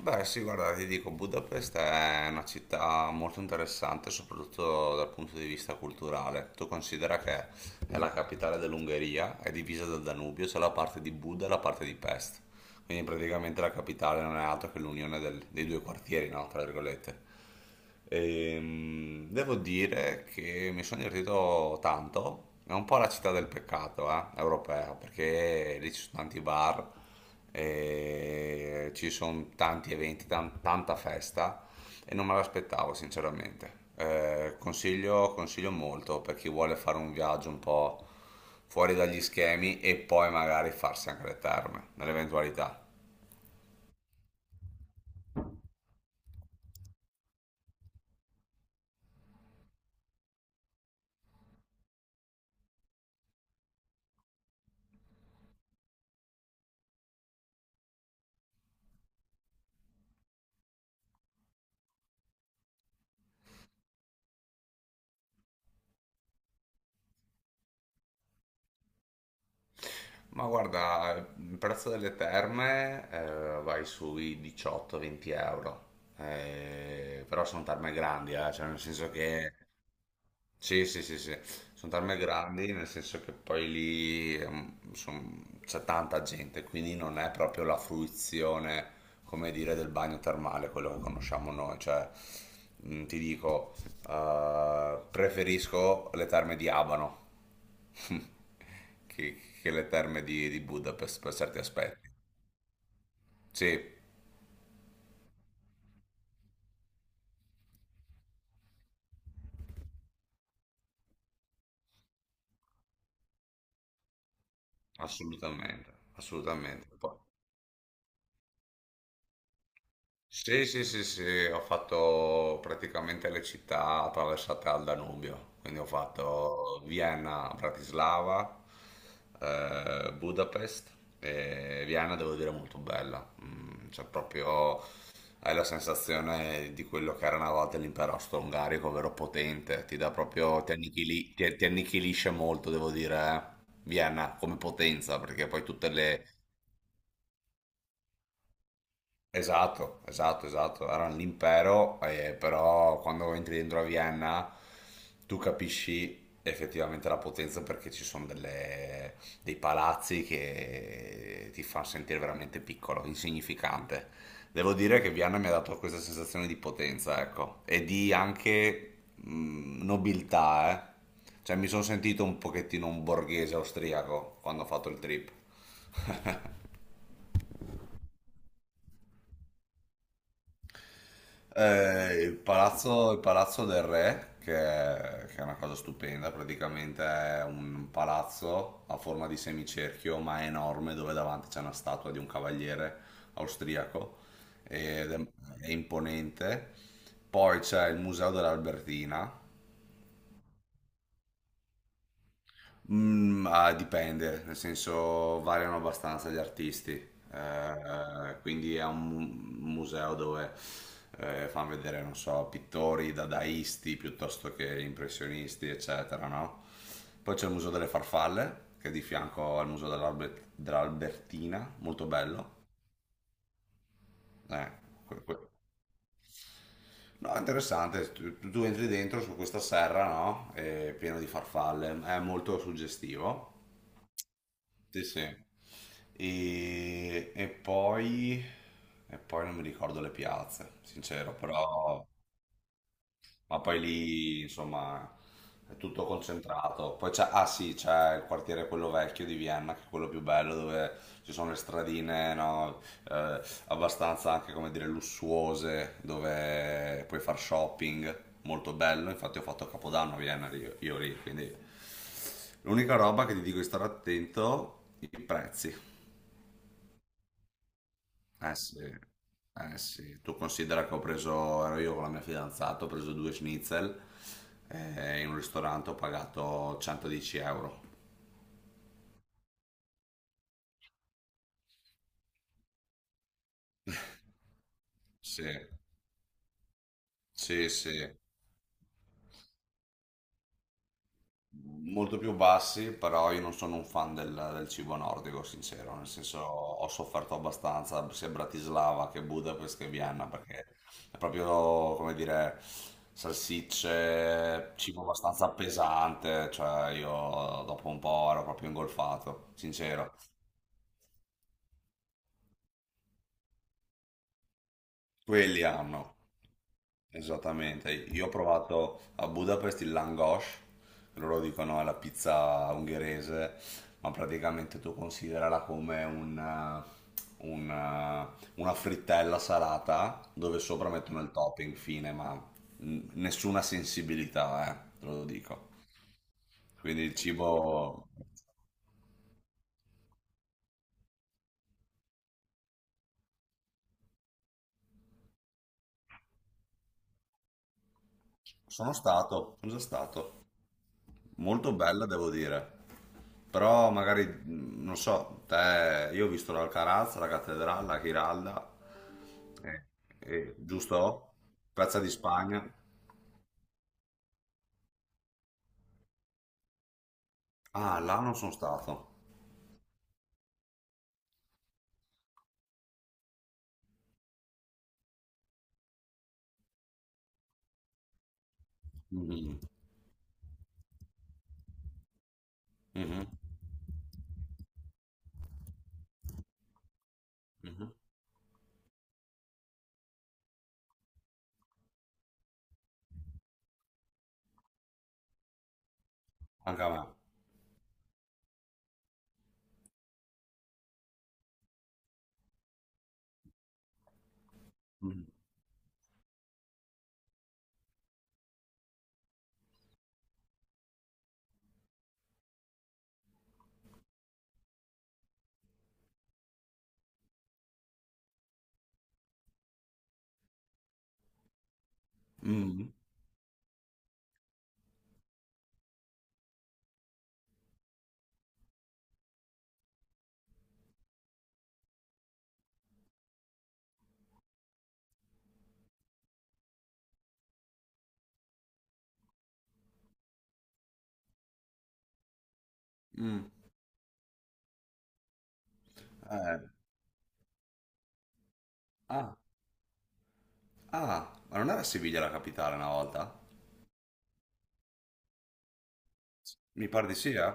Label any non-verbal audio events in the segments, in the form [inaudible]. Beh, sì, guarda, ti dico, Budapest è una città molto interessante, soprattutto dal punto di vista culturale. Tu considera che è la capitale dell'Ungheria, è divisa dal Danubio, c'è la parte di Buda e la parte di Pest. Quindi praticamente la capitale non è altro che l'unione dei due quartieri, no? Tra virgolette. Devo dire che mi sono divertito tanto. È un po' la città del peccato, europea, perché lì ci sono tanti bar, e ci sono tanti eventi, tanta festa e non me l'aspettavo, sinceramente. Consiglio molto per chi vuole fare un viaggio un po' fuori dagli schemi e poi magari farsi anche le terme, nell'eventualità. Ma guarda, il prezzo delle terme vai sui 18-20 euro. Però sono terme grandi, cioè nel senso che sì, sì, sì, sì, sono tarme grandi, nel senso che poi lì c'è tanta gente, quindi non è proprio la fruizione, come dire, del bagno termale, quello che conosciamo noi. Cioè, ti dico, preferisco le terme di Abano [laughs] che le terme di Budapest per certi aspetti. Sì, assolutamente, assolutamente. Sì, sì, sì, sì, ho fatto praticamente le città attraversate al Danubio, quindi ho fatto Vienna, Bratislava, Budapest e Vienna devo dire molto bella. Mm, cioè proprio hai la sensazione di quello che era una volta l'impero austro-ungarico, ovvero potente, ti dà proprio, ti annichilisce molto, devo dire, eh. Vienna come potenza, perché poi tutte le esatto, esatto, esatto. Era un impero, però quando entri dentro a Vienna tu capisci effettivamente la potenza perché dei palazzi che ti fanno sentire veramente piccolo, insignificante. Devo dire che Vienna mi ha dato questa sensazione di potenza, ecco, e di anche nobiltà, eh. Cioè mi sono sentito un pochettino un borghese austriaco quando ho fatto il trip. Il palazzo del re, che è una cosa stupenda, praticamente è un palazzo a forma di semicerchio, ma è enorme, dove davanti c'è una statua di un cavaliere austriaco ed è imponente. Poi c'è il museo dell'Albertina. Mm, ah, dipende, nel senso variano abbastanza gli artisti. Quindi è un museo dove fanno vedere, non so, pittori dadaisti piuttosto che impressionisti, eccetera, no? Poi c'è il Museo delle Farfalle, che è di fianco al Museo dell'Albertina, molto bello. Eh, que- que- No, è interessante, tu entri dentro su questa serra, no? È pieno di farfalle, è molto suggestivo. Sì, sì. E, e poi, e poi non mi ricordo le piazze, sincero, però, ma poi lì, insomma, è tutto concentrato. Poi c'è, ah sì, c'è il quartiere quello vecchio di Vienna, che è quello più bello, dove ci sono le stradine, no, eh, abbastanza anche, come dire, lussuose, dove puoi far shopping, molto bello. Infatti ho fatto Capodanno a Vienna, io lì, quindi... L'unica roba che ti dico di stare attento, i prezzi. Eh sì, eh sì. Tu considera che ho preso, ero io con la mia fidanzata, ho preso due schnitzel in un ristorante ho pagato 110 euro. Sì, sì, sì. Molto più bassi, però io non sono un fan del cibo nordico, sincero, nel senso ho sofferto abbastanza sia a Bratislava che Budapest che Vienna, perché è proprio, come dire, salsicce, cibo abbastanza pesante, cioè io dopo un po' ero proprio ingolfato, sincero. Quelli hanno. Esattamente, io ho provato a Budapest il langos, loro dicono è la pizza ungherese, ma praticamente tu considerala come una frittella salata dove sopra mettono il topping, fine, ma nessuna sensibilità, te lo dico. Quindi il cibo... Sono stato, sono già stato, molto bella devo dire. Però magari, mm, non so, te, io ho visto l'Alcaraz, la Cattedrale, la Giralda, eh, giusto? Piazza di Spagna. Ah, là non sono stato. Mhm, mhm, mhm. Anche a me. Mhm, mhm, mhm. Eh, ah, ah, ma non era Siviglia la capitale una volta? Mi pare di sì, eh?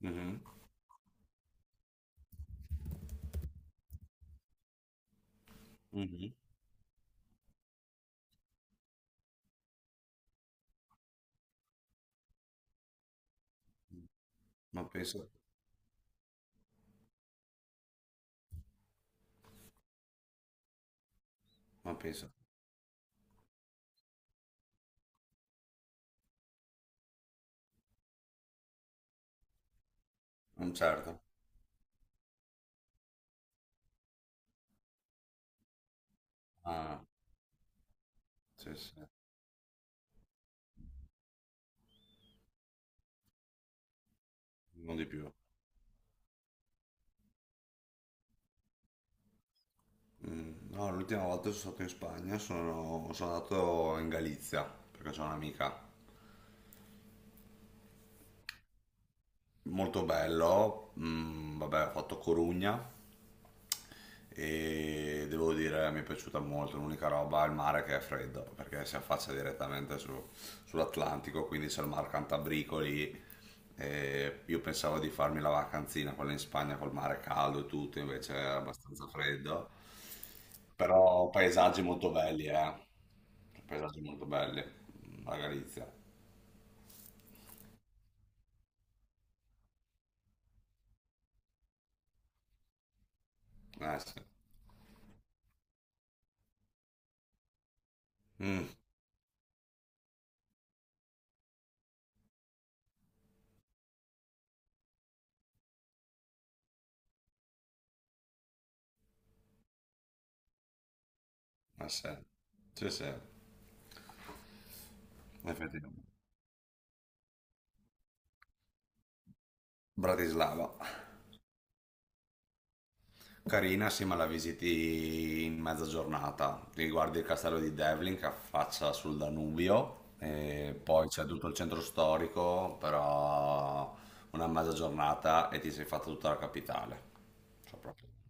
Mhm, mhm. Ma penso, ma penso. Mm, certo. Ah, sì, sì, non di più. Mm, no, l'ultima volta sono stato in Spagna, sono, sono andato in Galizia perché c'è un'amica. Molto bello, mm, vabbè, ho fatto Corugna e devo dire mi è piaciuta molto, l'unica roba è il mare che è freddo, perché si affaccia direttamente sull'Atlantico, quindi c'è il mar Cantabrico lì. E io pensavo di farmi la vacanzina, quella in Spagna col mare caldo e tutto, invece era abbastanza freddo, però paesaggi molto belli, eh. Paesaggi molto belli, mm, la Galizia. Eh sì. Mm, eh sì. Sì, sì. Effettivamente. Bratislava, carina, sì, ma la visiti in mezza giornata. Ti guardi il castello di Devlin che affaccia sul Danubio, e poi c'è tutto il centro storico, però una mezza giornata e ti sei fatta tutta la capitale. Cioè, proprio